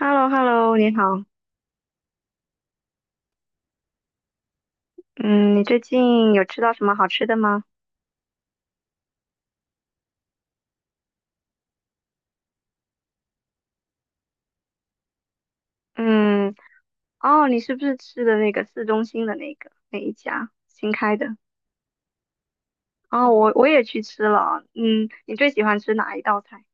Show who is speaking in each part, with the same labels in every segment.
Speaker 1: h e l l o h e l l o 你好。嗯，你最近有吃到什么好吃的吗？嗯，哦，你是不是吃的那个市中心的那个那一家新开的？哦，我也去吃了。嗯，你最喜欢吃哪一道菜？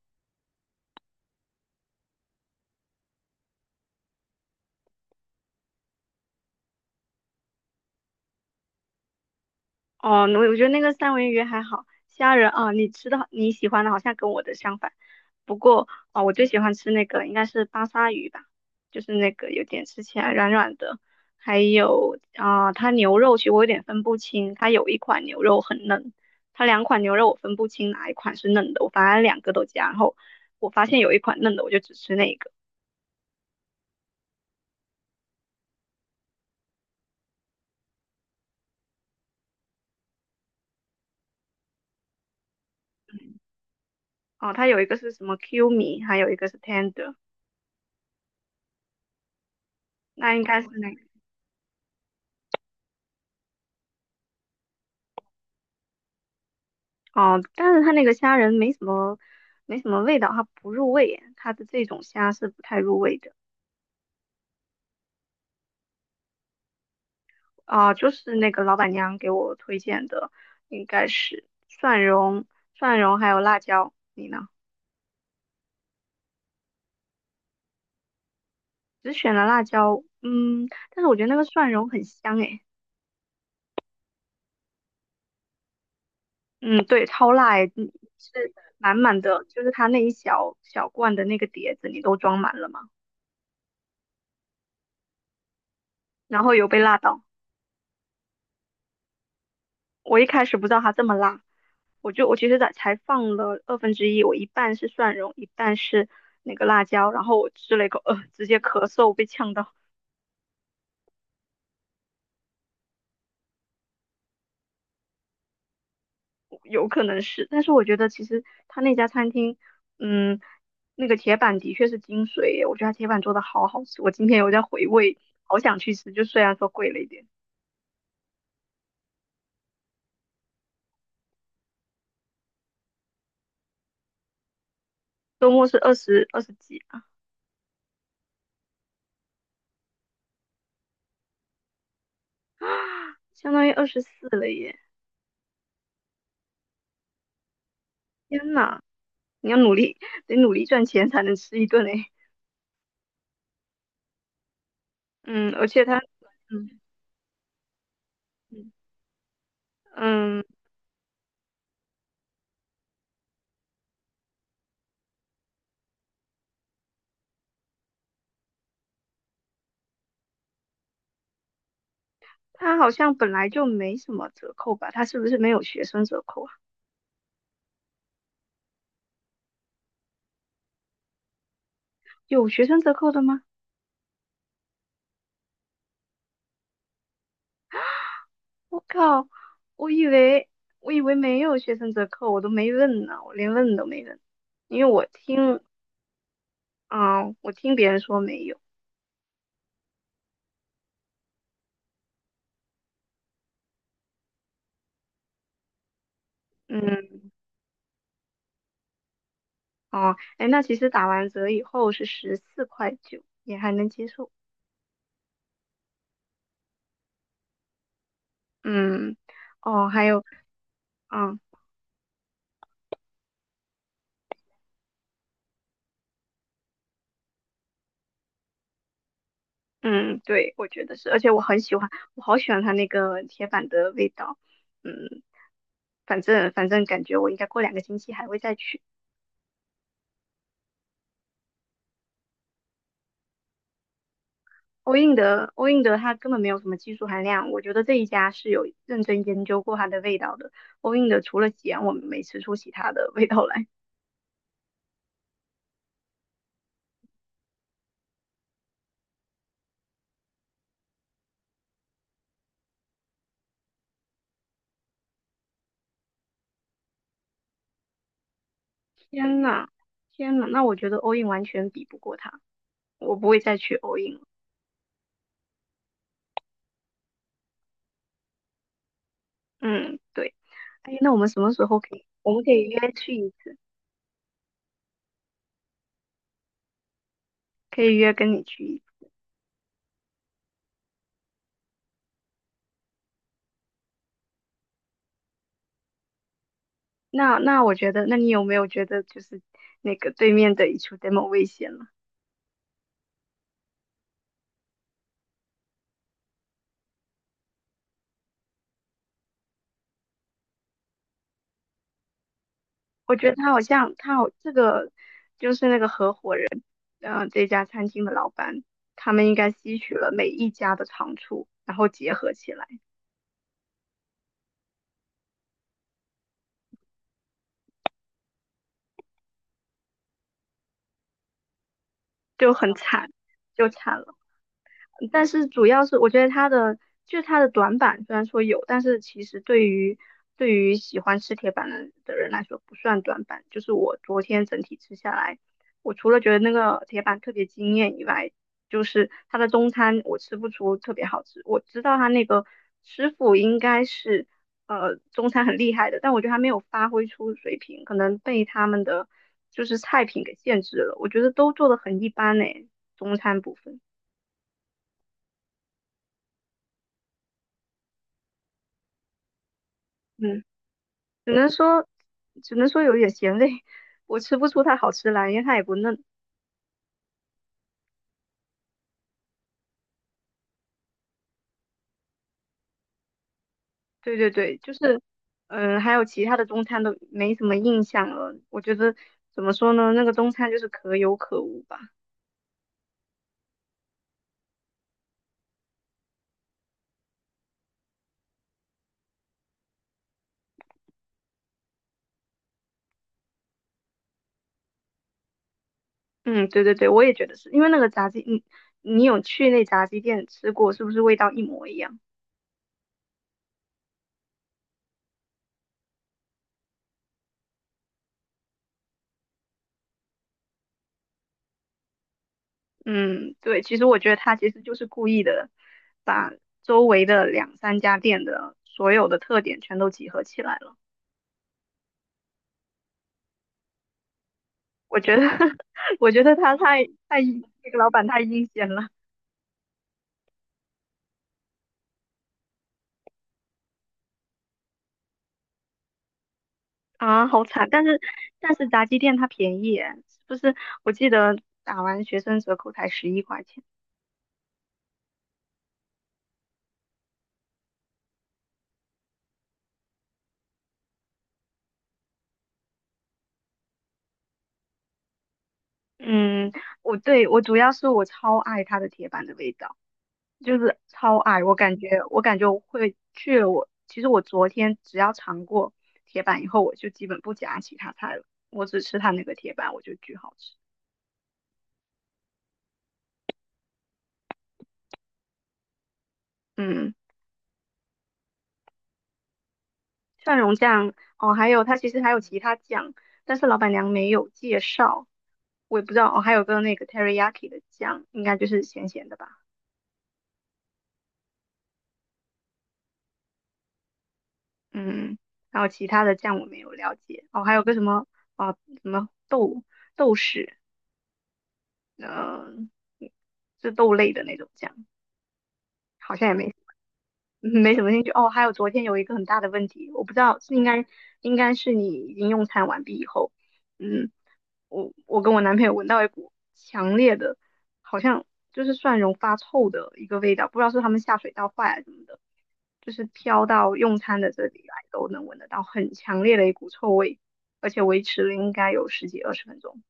Speaker 1: 哦，那我觉得那个三文鱼还好，虾仁啊，你喜欢的好像跟我的相反。不过啊，我最喜欢吃那个应该是巴沙鱼吧，就是那个有点吃起来软软的，还有啊，它牛肉其实我有点分不清，它有一款牛肉很嫩，它两款牛肉我分不清哪一款是嫩的，我反正两个都加，然后我发现有一款嫩的我就只吃那个，哦，它有一个是什么 Q 米，还有一个是 tender，那应该是那。哦，但是它那个虾仁没什么味道，它不入味，它的这种虾是不太入味的啊。就是那个老板娘给我推荐的，应该是蒜蓉还有辣椒。你呢？只选了辣椒，但是我觉得那个蒜蓉很香诶，嗯，对，超辣诶，是满满的，就是它那一小小罐的那个碟子，你都装满了吗？然后有被辣到，我一开始不知道它这么辣。我其实才放了二分之一，我一半是蒜蓉，一半是那个辣椒，然后我吃了一口，直接咳嗽被呛到，有可能是，但是我觉得其实他那家餐厅，嗯，那个铁板的确是精髓耶，我觉得他铁板做的好好吃，我今天有在回味，好想去吃，就虽然说贵了一点，周末是二十几啊，相当于24了耶，天呐，你要努力，得努力赚钱才能吃一顿诶，嗯，而且他，嗯嗯。嗯它好像本来就没什么折扣吧？它是不是没有学生折扣啊？有学生折扣的吗？我靠，我以为我以为没有学生折扣，我都没问呢，我连问都没问，因为我听别人说没有，嗯，哦，哎，那其实打完折以后是14块9，也还能接受，嗯，哦，还有，嗯嗯，对，我觉得是，而且我很喜欢，我好喜欢它那个铁板的味道，嗯，反正感觉我应该过2个星期还会再去。欧印的它根本没有什么技术含量，我觉得这一家是有认真研究过它的味道的。欧印的除了咸，我没吃出其他的味道来。天呐，天呐，那我觉得欧印完全比不过它，我不会再去欧印了。嗯，对。哎，那我们什么时候可以？我们可以约去一可以约跟你去一那那我觉得，那你有没有觉得就是那个对面的一处 demo 危险了？我觉得他好像这个就是那个合伙人，这家餐厅的老板，他们应该吸取了每一家的长处，然后结合起来，就很惨，就惨了。但是主要是我觉得他的短板，虽然说有，但是其实对于喜欢吃铁板的人来说不算短板。就是我昨天整体吃下来，我除了觉得那个铁板特别惊艳以外，就是他的中餐我吃不出特别好吃。我知道他那个师傅应该是中餐很厉害的，但我觉得他没有发挥出水平，可能被他们的就是菜品给限制了。我觉得都做的很一般呢，中餐部分。嗯。只能说，只能说，有点咸味，我吃不出它好吃来，因为它也不嫩。对对对，就是，嗯，还有其他的中餐都没什么印象了。我觉得怎么说呢，那个中餐就是可有可无吧。嗯，对对对，我也觉得是因为那个炸鸡，你有去那炸鸡店吃过，是不是味道一模一样？嗯，对，其实我觉得他其实就是故意的，把周围的两三家店的所有的特点全都集合起来了。我觉得 我觉得他太太那个老板太阴险了啊，好惨！但是炸鸡店它便宜耶，是不是？我记得打完学生折扣才11块钱。嗯，我主要是我超爱它的铁板的味道，就是超爱。我感觉我会去了。其实我昨天只要尝过铁板以后，我就基本不夹其他菜了，我只吃它那个铁板，我就巨好吃。嗯。蒜蓉酱哦，还有它其实还有其他酱，但是老板娘没有介绍，我也不知道哦，还有个那个 teriyaki 的酱，应该就是咸咸的吧，嗯，然后其他的酱我没有了解，哦，还有个啊、什么豆豉，嗯、是豆类的那种酱，好像也没什么兴趣。哦，还有昨天有一个很大的问题，我不知道是应该是你已经用餐完毕以后，嗯，我跟我男朋友闻到一股强烈的，好像就是蒜蓉发臭的一个味道，不知道是他们下水道坏了什么的，就是飘到用餐的这里来都能闻得到很强烈的一股臭味，而且维持了应该有十几二十分钟。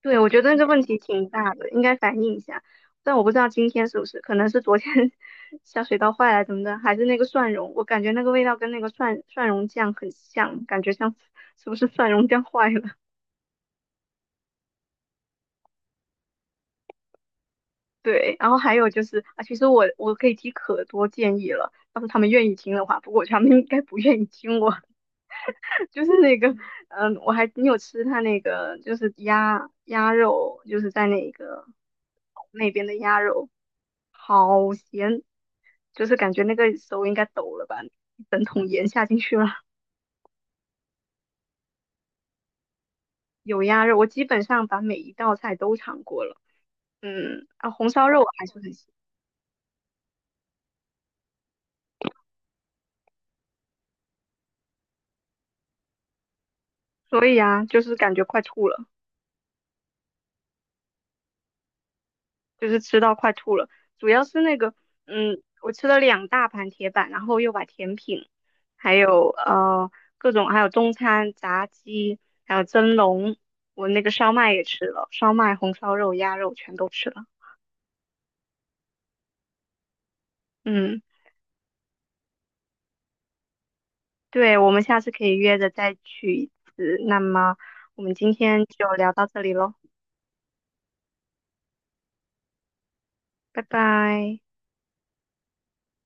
Speaker 1: 对，我觉得这问题挺大的，应该反映一下。但我不知道今天是不是，可能是昨天 下水道坏了怎么的，还是那个蒜蓉，我感觉那个味道跟那个蒜蓉酱很像，感觉像 是不是蒜蓉酱坏了？对，然后还有就是啊，其实我可以提可多建议了，要是他们愿意听的话，不过我觉得他们应该不愿意听我，就是那个，你有吃他那个就是鸭肉，就是在那个那边的鸭肉，好咸，就是感觉那个手应该抖了吧，一整桶盐下进去了，有鸭肉，我基本上把每一道菜都尝过了，嗯，啊，红烧肉我还是很喜，所以啊，就是感觉快吐了。就是吃到快吐了。主要是那个，嗯，我吃了2大盘铁板，然后又把甜品，还有各种，还有中餐、炸鸡，还有蒸笼，我那个烧麦也吃了，烧麦、红烧肉、鸭肉全都吃了。嗯，对，我们下次可以约着再去一次。那么我们今天就聊到这里喽，拜拜。